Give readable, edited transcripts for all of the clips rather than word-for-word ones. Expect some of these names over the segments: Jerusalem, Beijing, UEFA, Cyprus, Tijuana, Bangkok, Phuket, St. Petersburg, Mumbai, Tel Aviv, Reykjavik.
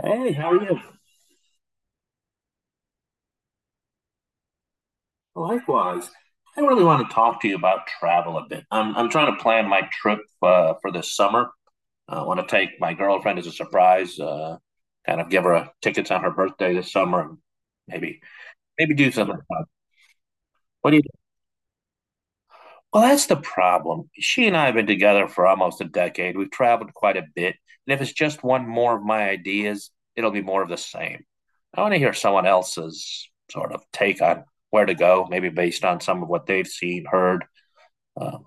Hey, how are you? Likewise. I really want to talk to you about travel a bit. I'm trying to plan my trip for this summer. I want to take my girlfriend as a surprise, kind of give her a tickets on her birthday this summer, and maybe maybe do something fun. What do you Well, that's the problem. She and I have been together for almost a decade. We've traveled quite a bit. And if it's just one more of my ideas, it'll be more of the same. I want to hear someone else's sort of take on where to go, maybe based on some of what they've seen, heard. Um,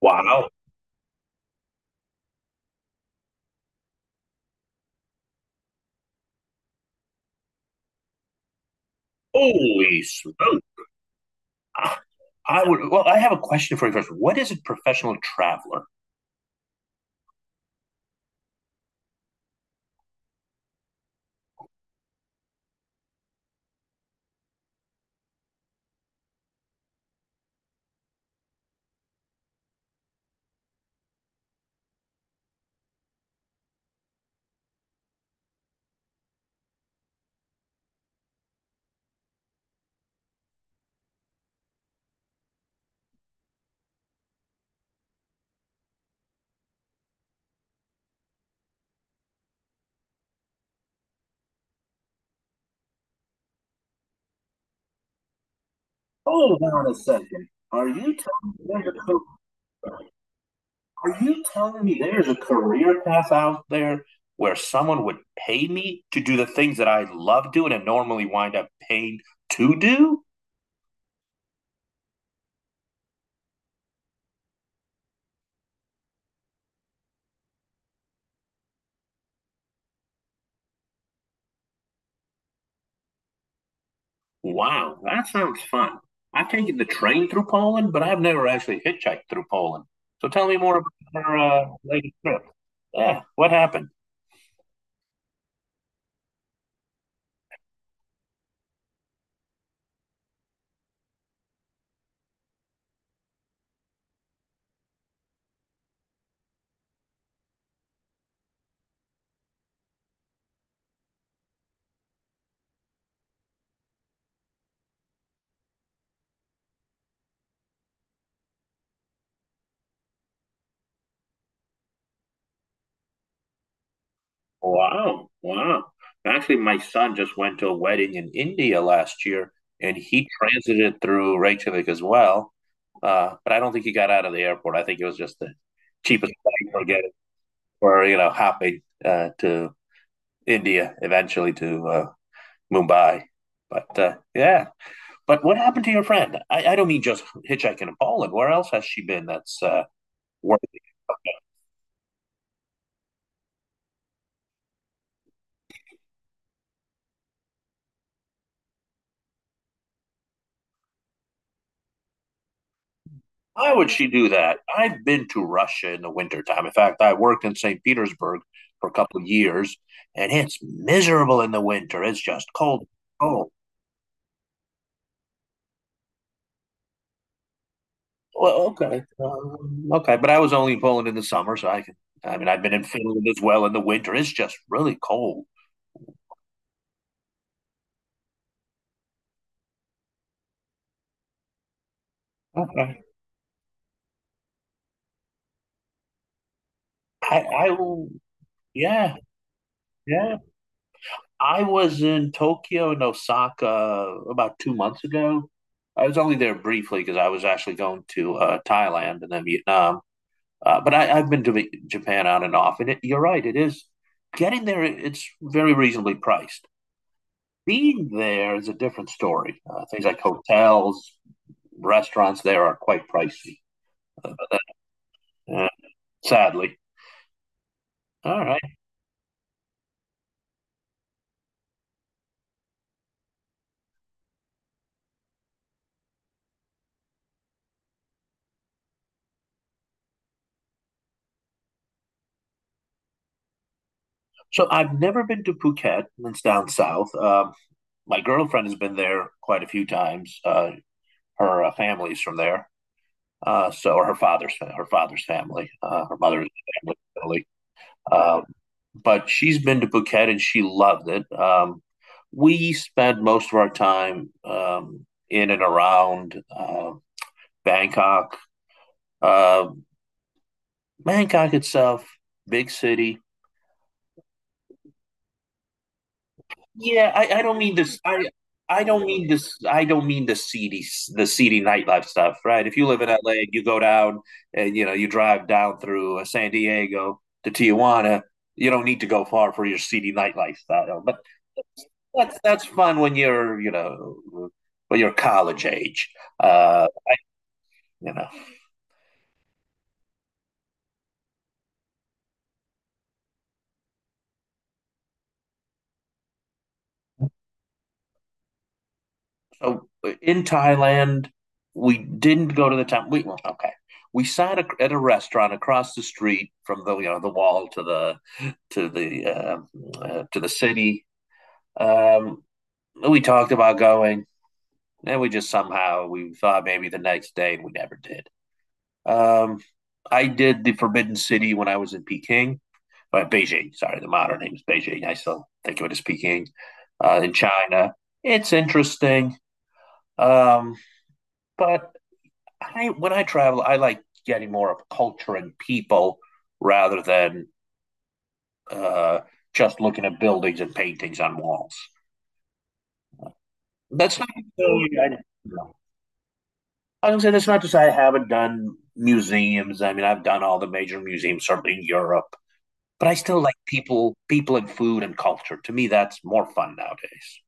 wow. Holy smoke. I would, well, I have a question for you first. What is a professional traveler? Hold on a second. Me there's a Are you telling me there's a career path out there where someone would pay me to do the things that I love doing and normally wind up paying to do? Wow, that sounds fun. I've taken the train through Poland, but I've never actually hitchhiked through Poland. So tell me more about your latest trip. Yeah, what happened? Wow, wow. Actually, my son just went to a wedding in India last year, and he transited through Reykjavik as well. But I don't think he got out of the airport. I think it was just the cheapest flight for getting for you know hopping to India, eventually to Mumbai. But Yeah. But what happened to your friend? I don't mean just hitchhiking in Poland. Where else has she been? That's worth. Why would she do that? I've been to Russia in the wintertime. In fact, I worked in St. Petersburg for a couple of years, and it's miserable in the winter. It's just cold, cold. Well, okay, okay, but I was only in Poland in the summer, so I can. I mean, I've been in Finland as well in the winter. It's just really cold. Okay, I will. Yeah, yeah. I was in Tokyo and Osaka about 2 months ago. I was only there briefly because I was actually going to Thailand and then Vietnam. But I've been to Japan on and off, and it, you're right. It is getting there. It's very reasonably priced. Being there is a different story. Things like hotels, restaurants there are quite pricey. Uh, Sadly. All right. So I've never been to Phuket. It's down south. My girlfriend has been there quite a few times. Her family's from there. So her father's family, her mother's family, really. Um, but she's been to Phuket and she loved it. We spend most of our time in and around Bangkok. Uh, Bangkok itself, big city. Yeah, I don't mean this. I don't mean this. I don't mean the seedy nightlife stuff, right? If you live in LA and you go down and you know you drive down through San Diego to Tijuana, you don't need to go far for your seedy nightlife style. But that's fun when you're you know when you're college age. Uh, you know, so in Thailand, we didn't go to the temple. We well, okay. We sat a, at a restaurant across the street from the you know the wall to the to the to the city. Um, we talked about going, and we just somehow we thought maybe the next day, and we never did. Um, I did the Forbidden City when I was in Peking Beijing. Sorry, the modern name is Beijing. I still think of it as Peking in China. It's interesting, um, but I when I travel, I like getting more of culture and people rather than uh, just looking at buildings and paintings on walls. That's not. really, I, no. I was gonna say that's not to say I haven't done museums. I mean, I've done all the major museums, certainly in Europe. But I still like people, people and food and culture. To me, that's more fun nowadays.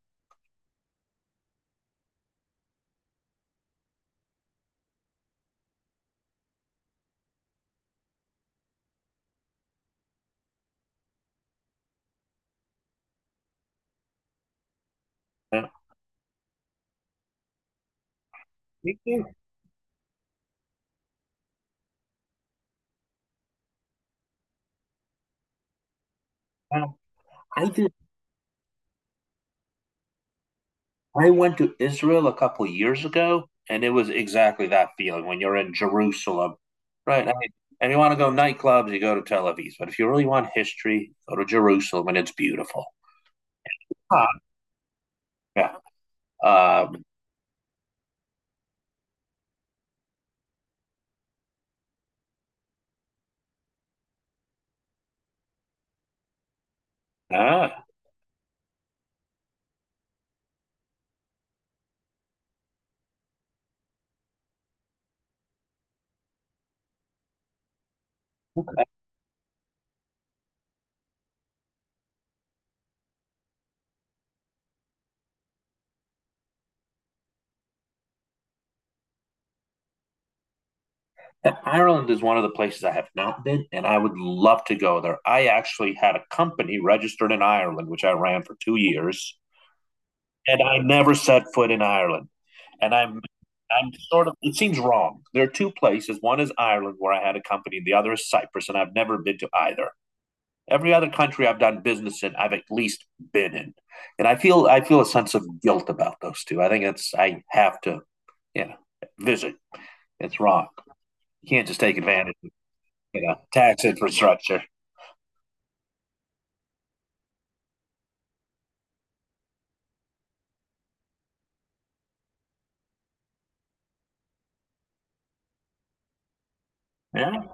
Yeah. Me too. Um, I did. I went to Israel a couple years ago, and it was exactly that feeling when you're in Jerusalem, right? I mean, if you want to go nightclubs, you go to Tel Aviv. But if you really want history, go to Jerusalem, and it's beautiful. Ah, yeah. Um, ah, okay. Ireland is one of the places I have not been, and I would love to go there. I actually had a company registered in Ireland, which I ran for 2 years, and I never set foot in Ireland. And I'm sort of it seems wrong. There are two places. One is Ireland where I had a company, and the other is Cyprus, and I've never been to either. Every other country I've done business in, I've at least been in. And I feel a sense of guilt about those two. I think it's I have to, you know, visit. It's wrong. You can't just take advantage of, you know, tax infrastructure. Yeah.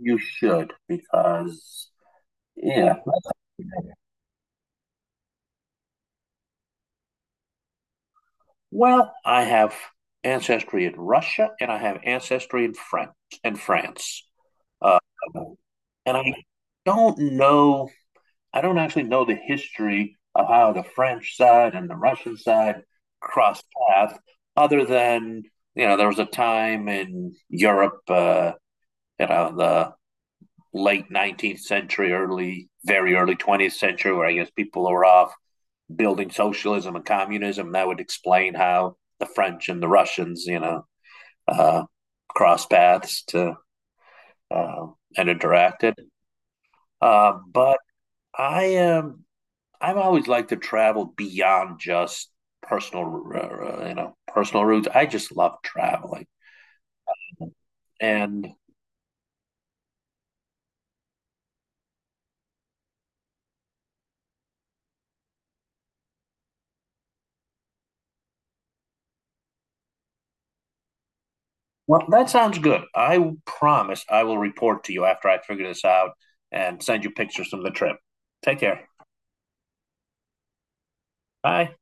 You should because yeah, well, I have ancestry in Russia and I have ancestry in France and France. Uh, and I don't know, I don't actually know the history of how the French side and the Russian side crossed paths, other than, you know, there was a time in Europe, you know, the late 19th century, early, very early 20th century, where I guess people were off building socialism and communism, that would explain how the French and the Russians, you know, uh, cross paths to uh, and interacted. Uh, but I am I've always liked to travel beyond just personal, you know, personal routes. I just love traveling, and well, that sounds good. I promise I will report to you after I figure this out and send you pictures from the trip. Take care. Bye.